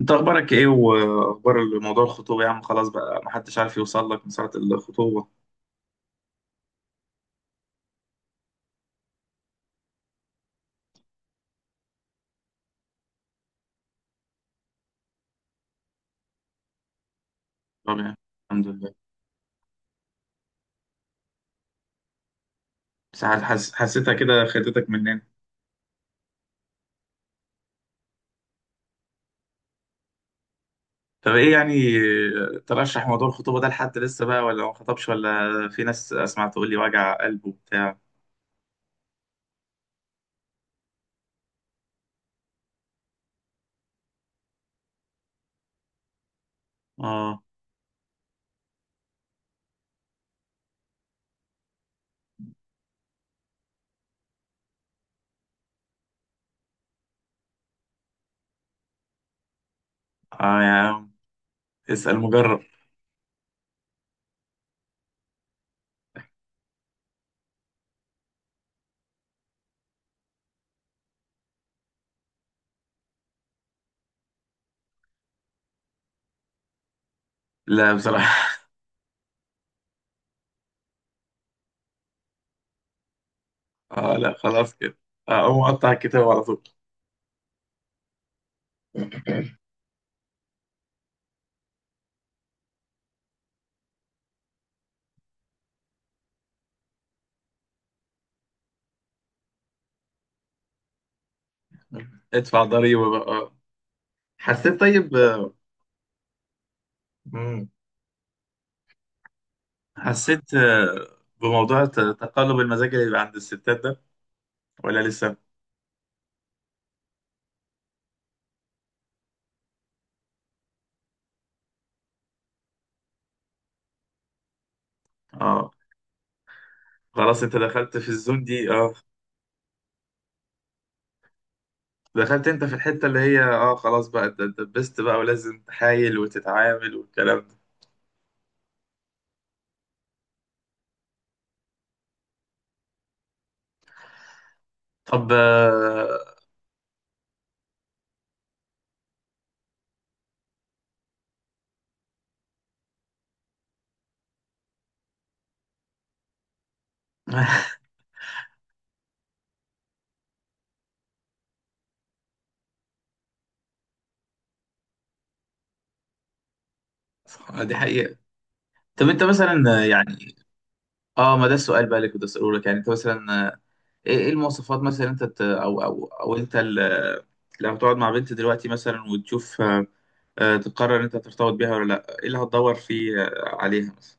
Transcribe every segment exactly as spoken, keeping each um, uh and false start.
انت اخبارك ايه، واخبار موضوع الخطوبه يا عم؟ خلاص بقى ما حدش عارف يوصل لك من ساعه الخطوبه. طب يعني. الحمد لله. بس حس... حسيتها كده خدتك مننا. طب ايه يعني. اه، ترشح موضوع الخطوبه ده لحد لسه بقى، ولا ما خطبش ولا؟ في ناس اسمع تقول لي وجع قلب وبتاع. اه اه يا عم، اسال مجرب. لا بصراحه. اه، لا خلاص كده. اه، اقوم اقطع الكتاب على طول. ادفع ضريبه بقى اه. حسيت طيب. آه، حسيت آه، بموضوع ت- تقلب المزاج اللي بيبقى عند الستات ده، ولا لسه؟ اه، خلاص انت دخلت في الزون دي اه. دخلت انت في الحتة اللي هي اه خلاص بقى، انت انت اتدبست بقى، ولازم تحايل وتتعامل والكلام ده. طب آه، آه، دي حقيقة. طب انت مثلا آه، يعني. اه ما ده السؤال بقى اللي كنت اسأله لك يعني. انت مثلا آه، ايه إيه المواصفات مثلا انت ت- او او او انت ال- لما تقعد مع بنت دلوقتي مثلا وتشوف آه، آه، تقرر انت ترتبط بيها ولا لا. ايه اللي هتدور فيه آه، عليها مثلا؟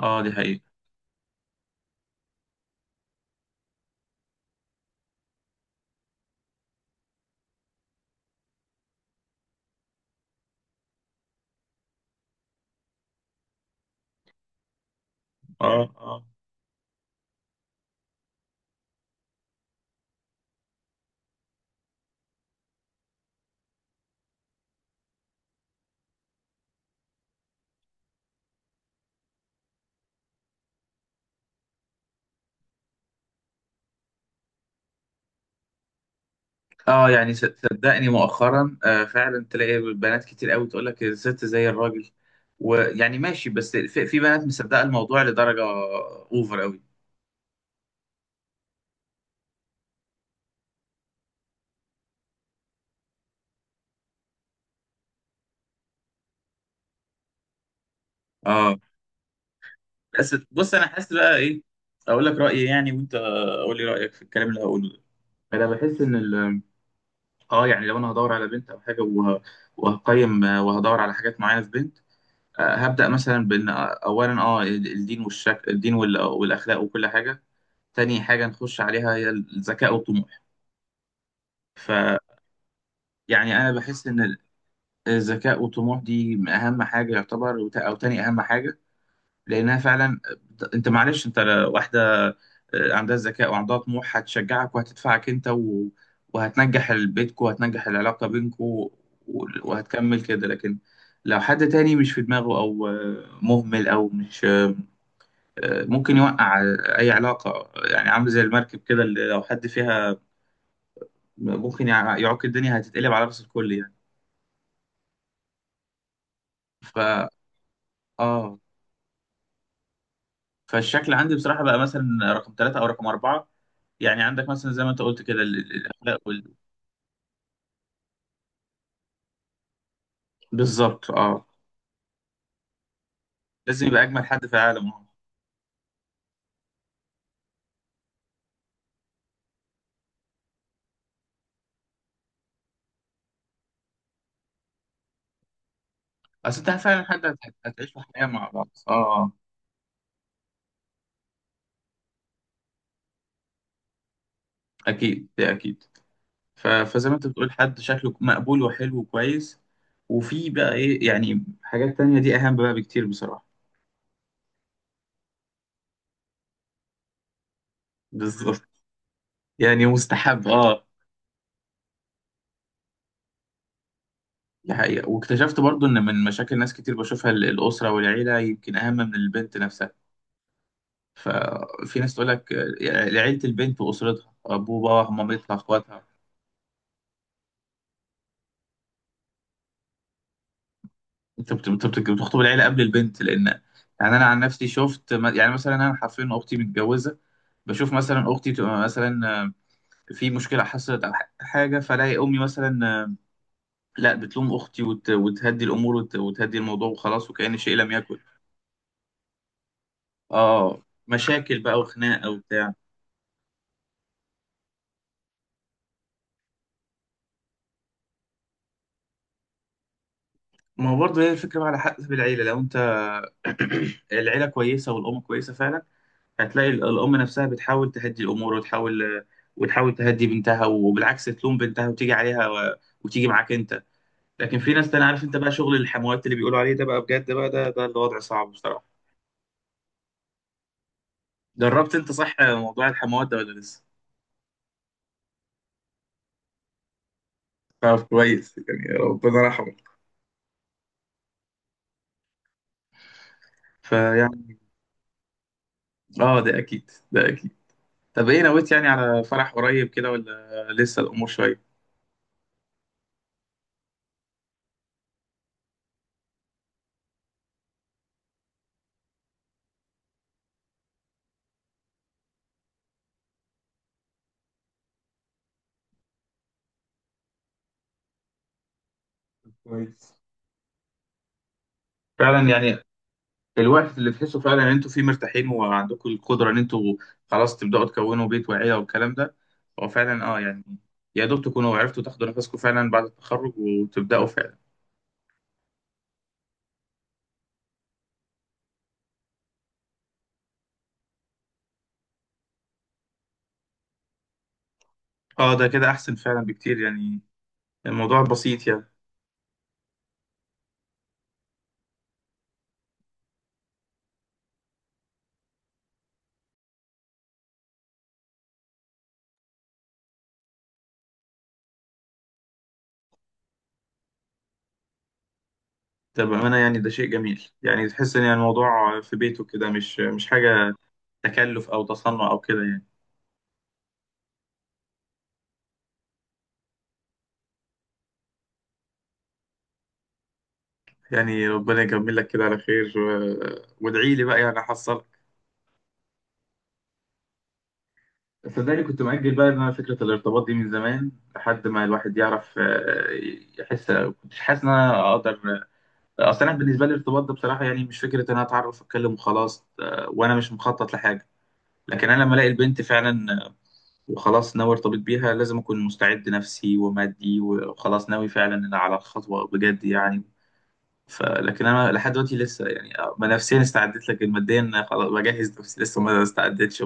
اه، دي حقيقة. اه اه. اه يعني ص- صدقني مؤخرا آه فعلا تلاقي بنات كتير قوي تقول لك الست زي الراجل. ويعني ماشي، بس في, في بنات مصدقة الموضوع لدرجة اوفر قوي. اه، بس بص انا حاسس بقى ايه. اقول لك رأيي يعني، وانت قول لي رأيك في الكلام اللي هقوله. ده انا بحس ان ال- اه يعني لو انا هدور على بنت او حاجة وه- وهقيم آه، وهدور على حاجات معينة في بنت. آه، هبدأ مثلا بإن آه، أولا أه الدين والشك... الدين وال- والأخلاق وكل حاجة. تاني حاجة نخش عليها هي الذكاء والطموح. فيعني. أنا بحس إن الذكاء والطموح دي أهم حاجة يعتبر، وت- أو تاني أهم حاجة. لأنها فعلا بت- أنت معلش أنت ل- واحدة آه، عندها ذكاء وعندها طموح هتشجعك وهتدفعك أنت و... وهتنجح بيتكو وهتنجح العلاقة بينكو و... وهتكمل كده. لكن لو حد تاني مش في دماغه أو آه، مهمل أو مش ممكن يوقع. اي علاقه يعني عامل زي المركب كده، اللي لو حد فيها ممكن يع- يعوق، الدنيا هتتقلب على راس الكل يعني. ف اه فالشكل عندي بصراحه بقى مثلا رقم ثلاثة او رقم اربعة. يعني عندك مثلا زي ما انت قلت كده ال- ال- الاخلاق وال... بالظبط اه، لازم يبقى اجمل حد في العالم اه. اصل انت فعلا حد هت- هتعيشوا حياه مع بعض اه آه. اكيد ده اكيد. ف... فزي ما انت بتقول حد شكله مقبول وحلو وكويس. وفي بقى ايه يعني، حاجات تانية دي اهم بقى بكتير بصراحه. بالظبط، يعني مستحب اه. دي حقيقة. واكتشفت برضو ان من مشاكل ناس كتير بشوفها ال- الأسرة والعيلة يمكن أهم من البنت نفسها. ففي ناس تقول لك آه، عيلة البنت وأسرتها، أبوه باباها مامتها أخواتها. أنت بت- بت- بت- بتخطب العيلة قبل البنت، لأن يعني أنا عن نفسي شفت م- يعني مثلا أنا حرفيا أختي متجوزة. بشوف مثلا أختي تبقى مثلا آه، في مشكلة حصلت أو ح- حاجة، فلاقي أمي مثلا آه، لا بتلوم أختي، وت- وتهدي الأمور وت- وتهدي الموضوع وخلاص، وكأن شيء لم يكن. اه مشاكل بقى وخناقه وبتاع. ما هو برضه هي الفكره بقى على حسب العيله، لو انت العيله كويسه والام كويسه فعلا، هتلاقي ال- الام نفسها بتحاول تهدي الامور وتحاول وتحاول تهدي بنتها، وبالعكس تلوم بنتها وتيجي عليها و... وتيجي معاك انت. لكن في ناس تانية، عارف انت بقى شغل الحموات اللي بيقولوا عليه ده بقى بجد بقى، ده ده الوضع صعب بصراحه. جربت انت صح موضوع الحموات ده ولا لسه؟ طب كويس يعني، ربنا رحمه. فيعني اه، ده اكيد ده اكيد. طب ايه نويت يعني، على فرح قريب كده ولا لسه الامور شويه؟ كويس فعلا يعني. الوقت اللي تحسوا فعلا ان انتوا فيه مرتاحين وعندكم القدره ان انتوا خلاص تبداوا تكونوا بيت وعيله والكلام ده. هو فعلا اه يعني، يا دوب تكونوا عرفتوا تاخدوا نفسكم فعلا بعد التخرج وتبداوا فعلا. اه، ده كده احسن فعلا بكتير يعني. الموضوع بسيط يعني. ده بامانه، يعني ده شيء جميل، يعني تحس ان يعني الموضوع في بيته كده مش مش حاجه تكلف او تصنع او كده يعني. يعني ربنا يكمل لك كده على خير، و... وادعي لي بقى يعني احصلك. صدقني كنت مأجل بقى ان انا فكرة الارتباط دي من زمان، لحد ما الواحد يعرف آه، يحس. كنتش حاسس ان انا اقدر. اصل انا بالنسبة لي الارتباط ده بصراحة يعني مش فكرة ان انا اتعرف اتكلم وخلاص، آه، وانا مش مخطط لحاجة. لكن انا لما الاقي البنت فعلا آه، وخلاص ناوي ارتبط بيها، لازم اكون مستعد نفسي ومادي وخلاص ناوي فعلا على الخطوة بجد يعني. فلكن انا لحد دلوقتي لسه يعني آه، ما نفسيا استعدت، لكن ماديا خلاص بجهز نفسي لسه ما استعدتش.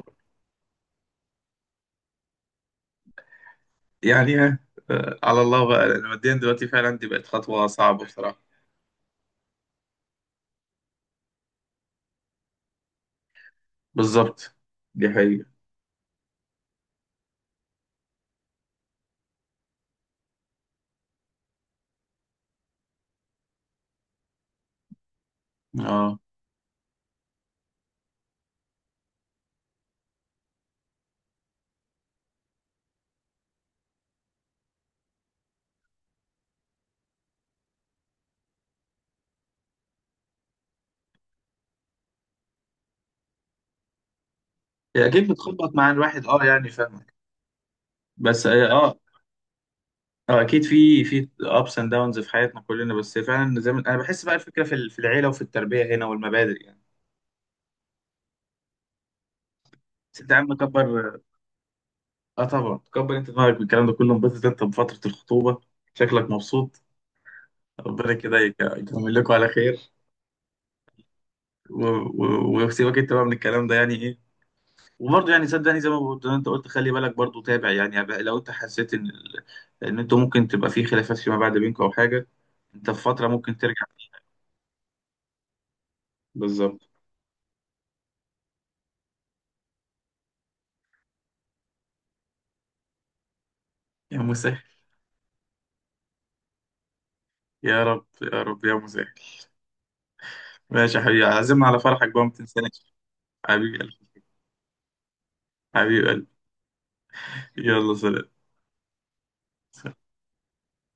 يعني آه، آه، على الله بقى، لأن ماديا دلوقتي فعلا دي بقت خطوة صعبة بصراحة. بالظبط، دي حقيقة اه. هي اكيد بتخبط مع الواحد اه يعني، فاهمك. بس اه اه آه، اكيد في في ابس اند داونز في حياتنا كلنا، بس فعلا زي ما انا بحس بقى الفكرة في ال- في العيلة وفي التربية هنا والمبادئ يعني. بس انت يا عم كبر. اه طبعا كبر انت دماغك بالكلام ده كله، انبسط انت بفترة الخطوبة، شكلك مبسوط. ربنا كده يك- يكمل لكم على خير. و- و- وسيبك انت بقى من الكلام ده يعني ايه. وبرضه يعني صدقني زي ما بقول- زي ما انت قلت، خلي بالك برضه، تابع يعني بقى، لو انت حسيت ان ال- ان انتوا ممكن تبقى في خلافات فيما بعد بينكم او حاجه. انت في فتره ممكن ترجع. بالظبط. يا مسهل. يا رب يا رب يا مسهل. ماشي يا حبيبي، عزمنا على فرحك بقى، ما تنساناش. حبيبي قلبي. حبيب قلبي. يلا سلام.